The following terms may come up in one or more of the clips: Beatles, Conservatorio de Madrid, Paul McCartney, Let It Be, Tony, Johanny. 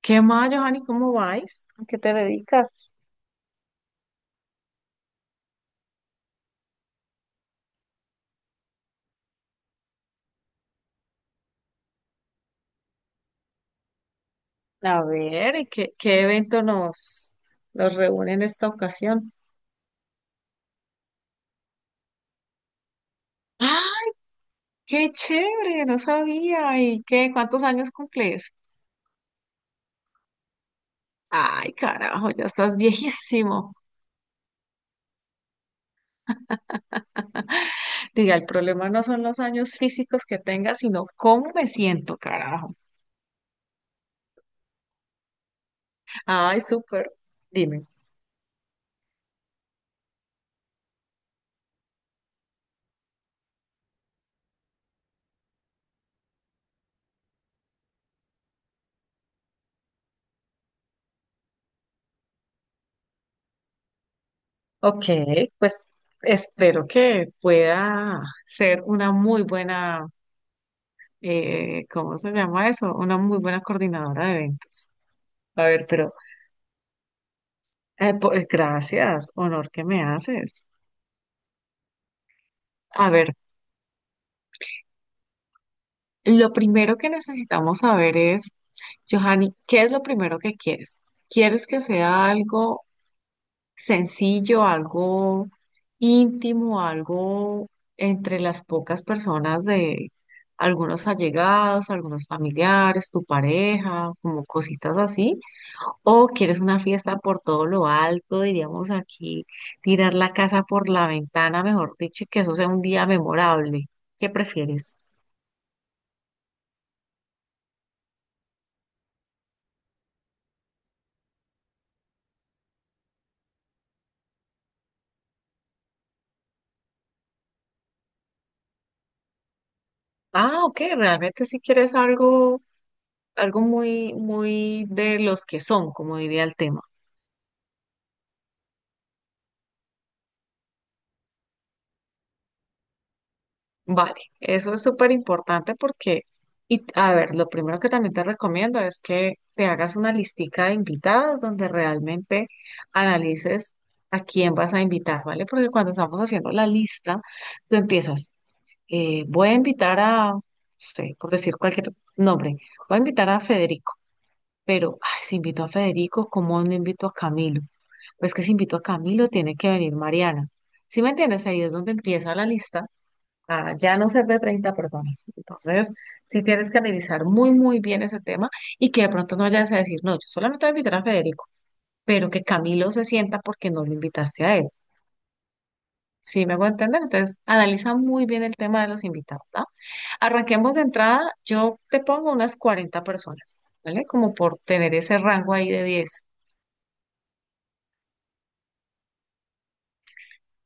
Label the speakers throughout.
Speaker 1: ¿Qué más, Johanny? ¿Cómo vais? ¿A qué te dedicas? A ver, y ¿qué evento nos reúne en esta ocasión? ¡Ah! ¡Qué chévere! No sabía. ¿Y qué? ¿Cuántos años cumples? Ay, carajo, ya estás viejísimo. Diga, el problema no son los años físicos que tengas, sino cómo me siento, carajo. Ay, súper. Dime. Ok, pues espero que pueda ser una muy buena ¿cómo se llama eso? Una muy buena coordinadora de eventos. A ver, pero gracias, honor que me haces. A ver, lo primero que necesitamos saber es, Johanny, ¿qué es lo primero que quieres? ¿Quieres que sea algo sencillo, algo íntimo, algo entre las pocas personas de algunos allegados, algunos familiares, tu pareja, como cositas así? O quieres una fiesta por todo lo alto, diríamos aquí, tirar la casa por la ventana, mejor dicho, y que eso sea un día memorable. ¿Qué prefieres? Ah, ok, realmente si quieres algo, algo muy, muy de los que son, como diría el tema. Vale, eso es súper importante porque, y a ver, lo primero que también te recomiendo es que te hagas una listica de invitados donde realmente analices a quién vas a invitar, ¿vale? Porque cuando estamos haciendo la lista, tú empiezas. Voy a invitar a, no sé, por decir cualquier nombre, voy a invitar a Federico, pero ay, si invito a Federico, ¿cómo no invito a Camilo? Pues que si invito a Camilo, tiene que venir Mariana. ¿Sí me entiendes? Ahí es donde empieza la lista a ya no ser de 30 personas. Entonces, sí tienes que analizar muy, muy bien ese tema y que de pronto no vayas a decir, no, yo solamente voy a invitar a Federico, pero que Camilo se sienta porque no lo invitaste a él. ¿Sí me hago entender? Entonces, analiza muy bien el tema de los invitados, ¿ah? Arranquemos de entrada, yo te pongo unas 40 personas, ¿vale? Como por tener ese rango ahí de 10.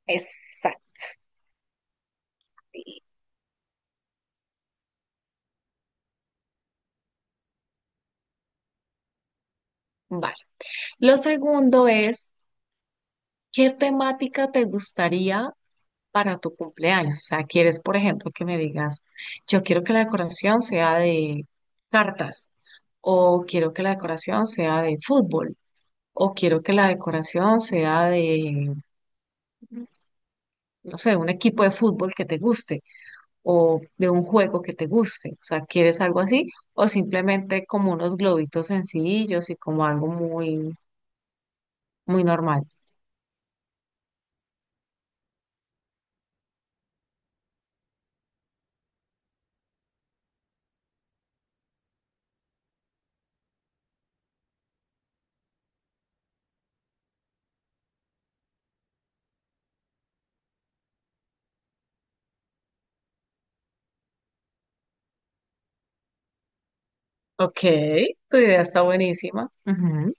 Speaker 1: Exacto. Vale. Lo segundo es, ¿qué temática te gustaría para tu cumpleaños? O sea, quieres, por ejemplo, que me digas, yo quiero que la decoración sea de cartas, o quiero que la decoración sea de fútbol, o quiero que la decoración sea de, no sé, un equipo de fútbol que te guste, o de un juego que te guste. O sea, ¿quieres algo así? O simplemente como unos globitos sencillos y como algo muy, muy normal. Ok, tu idea está buenísima. Ujú.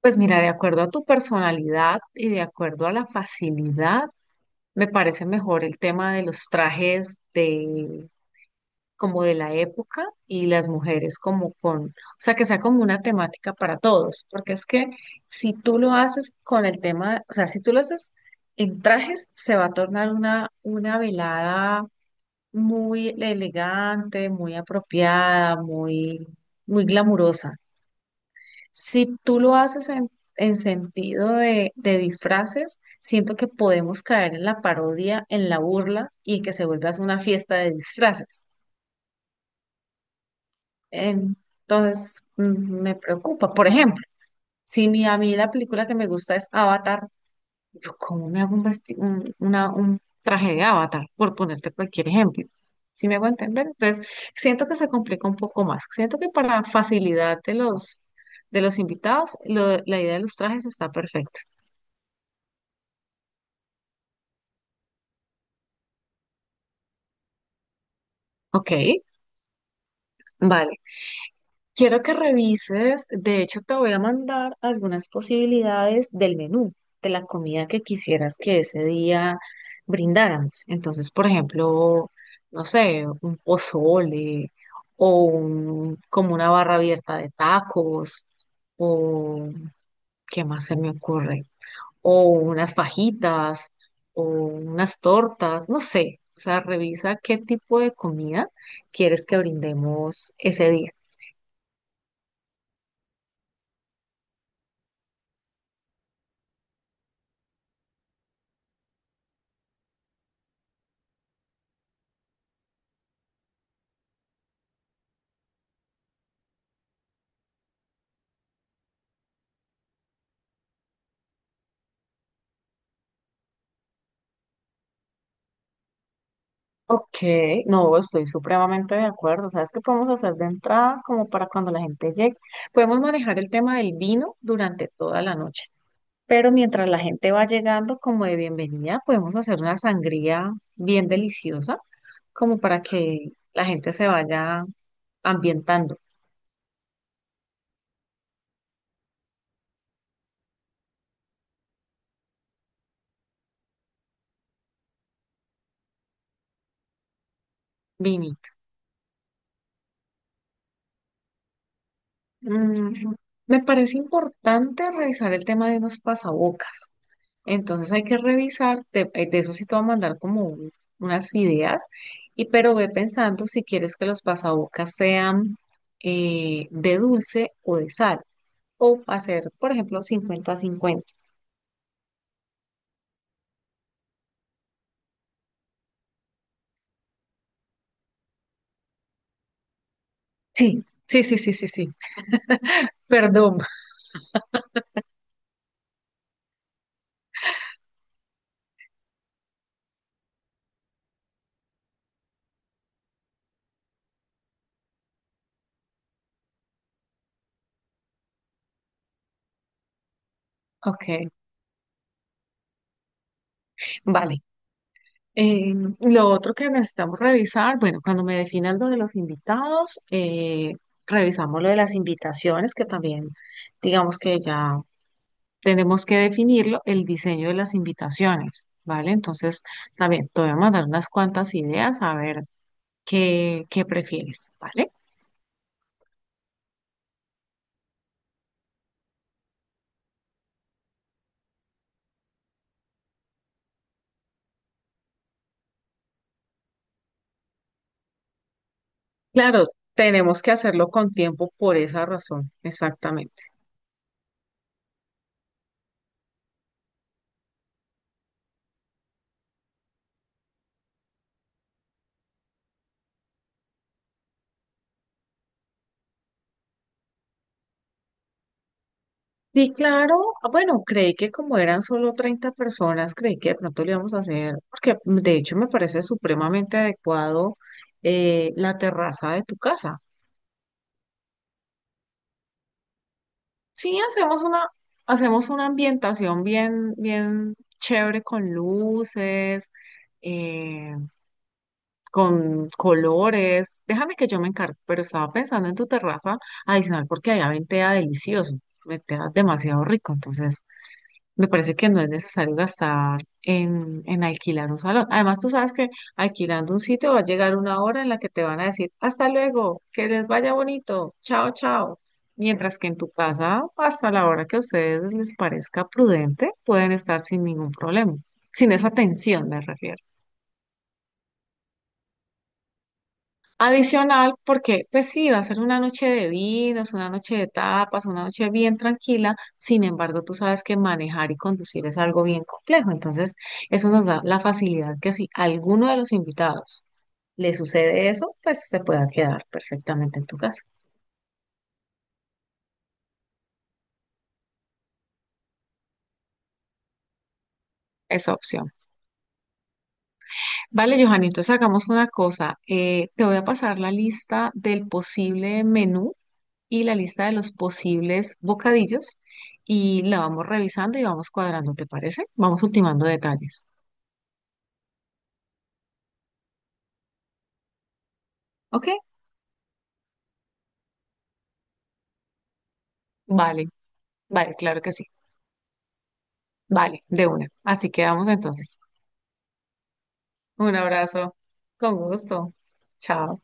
Speaker 1: Pues mira, de acuerdo a tu personalidad y de acuerdo a la facilidad, me parece mejor el tema de los trajes de como de la época y las mujeres como con, o sea, que sea como una temática para todos, porque es que si tú lo haces con el tema, o sea, si tú lo haces en trajes, se va a tornar una velada muy elegante, muy apropiada, muy, muy glamurosa. Si tú lo haces en sentido de disfraces, siento que podemos caer en la parodia, en la burla y en que se vuelva una fiesta de disfraces. Entonces, me preocupa. Por ejemplo, si mi, a mí la película que me gusta es Avatar, yo cómo me hago un, vesti- un, una- un traje de Avatar, por ponerte cualquier ejemplo. ¿Si me hago entender? Entonces, siento que se complica un poco más. Siento que para facilidad de los invitados, lo- la idea de los trajes está perfecta. Ok, vale. Quiero que revises, de hecho te voy a mandar algunas posibilidades del menú, de la comida que quisieras que ese día brindáramos. Entonces, por ejemplo, no sé, un pozole o como una barra abierta de tacos o ¿qué más se me ocurre? O unas fajitas o unas tortas, no sé. O sea, revisa qué tipo de comida quieres que brindemos ese día. Ok, no, estoy supremamente de acuerdo. ¿Sabes qué podemos hacer de entrada como para cuando la gente llegue? Podemos manejar el tema del vino durante toda la noche, pero mientras la gente va llegando como de bienvenida, podemos hacer una sangría bien deliciosa como para que la gente se vaya ambientando. Vinito. Mm, me parece importante revisar el tema de unos pasabocas. Entonces hay que revisar, de eso sí te voy a mandar como unas ideas, y pero ve pensando si quieres que los pasabocas sean de dulce o de sal, o hacer, por ejemplo, 50 a 50. Sí, sí, sí, sí, sí, sí. Perdón. Ok, vale. Eh, lo otro que necesitamos revisar, bueno, cuando me definan lo de los invitados, revisamos lo de las invitaciones, que también digamos que ya tenemos que definirlo, el diseño de las invitaciones, ¿vale? Entonces, también te voy a mandar unas cuantas ideas a ver qué, qué prefieres, ¿vale? Claro, tenemos que hacerlo con tiempo por esa razón, exactamente. Sí, claro, ah, bueno, creí que como eran solo 30 personas, creí que de pronto lo íbamos a hacer, porque de hecho me parece supremamente adecuado la terraza de tu casa. Sí, hacemos una ambientación bien, bien chévere con luces, eh, con colores. Déjame que yo me encargo, pero estaba pensando en tu terraza adicional porque allá ventea delicioso, ventea demasiado rico, entonces me parece que no es necesario gastar en alquilar un salón. Además, tú sabes que alquilando un sitio va a llegar una hora en la que te van a decir, hasta luego, que les vaya bonito, chao, chao. Mientras que en tu casa, hasta la hora que a ustedes les parezca prudente, pueden estar sin ningún problema, sin esa tensión, me refiero. Adicional, porque pues sí, va a ser una noche de vinos, una noche de tapas, una noche bien tranquila. Sin embargo, tú sabes que manejar y conducir es algo bien complejo. Entonces, eso nos da la facilidad que si a alguno de los invitados le sucede eso, pues se pueda quedar perfectamente en tu casa. Esa opción. Vale, Johan, entonces hagamos una cosa. Te voy a pasar la lista del posible menú y la lista de los posibles bocadillos y la vamos revisando y vamos cuadrando, ¿te parece? Vamos ultimando detalles. ¿Ok? Vale, vale, claro que sí. Vale, de una. Así quedamos entonces. Un abrazo. Con gusto. Chao.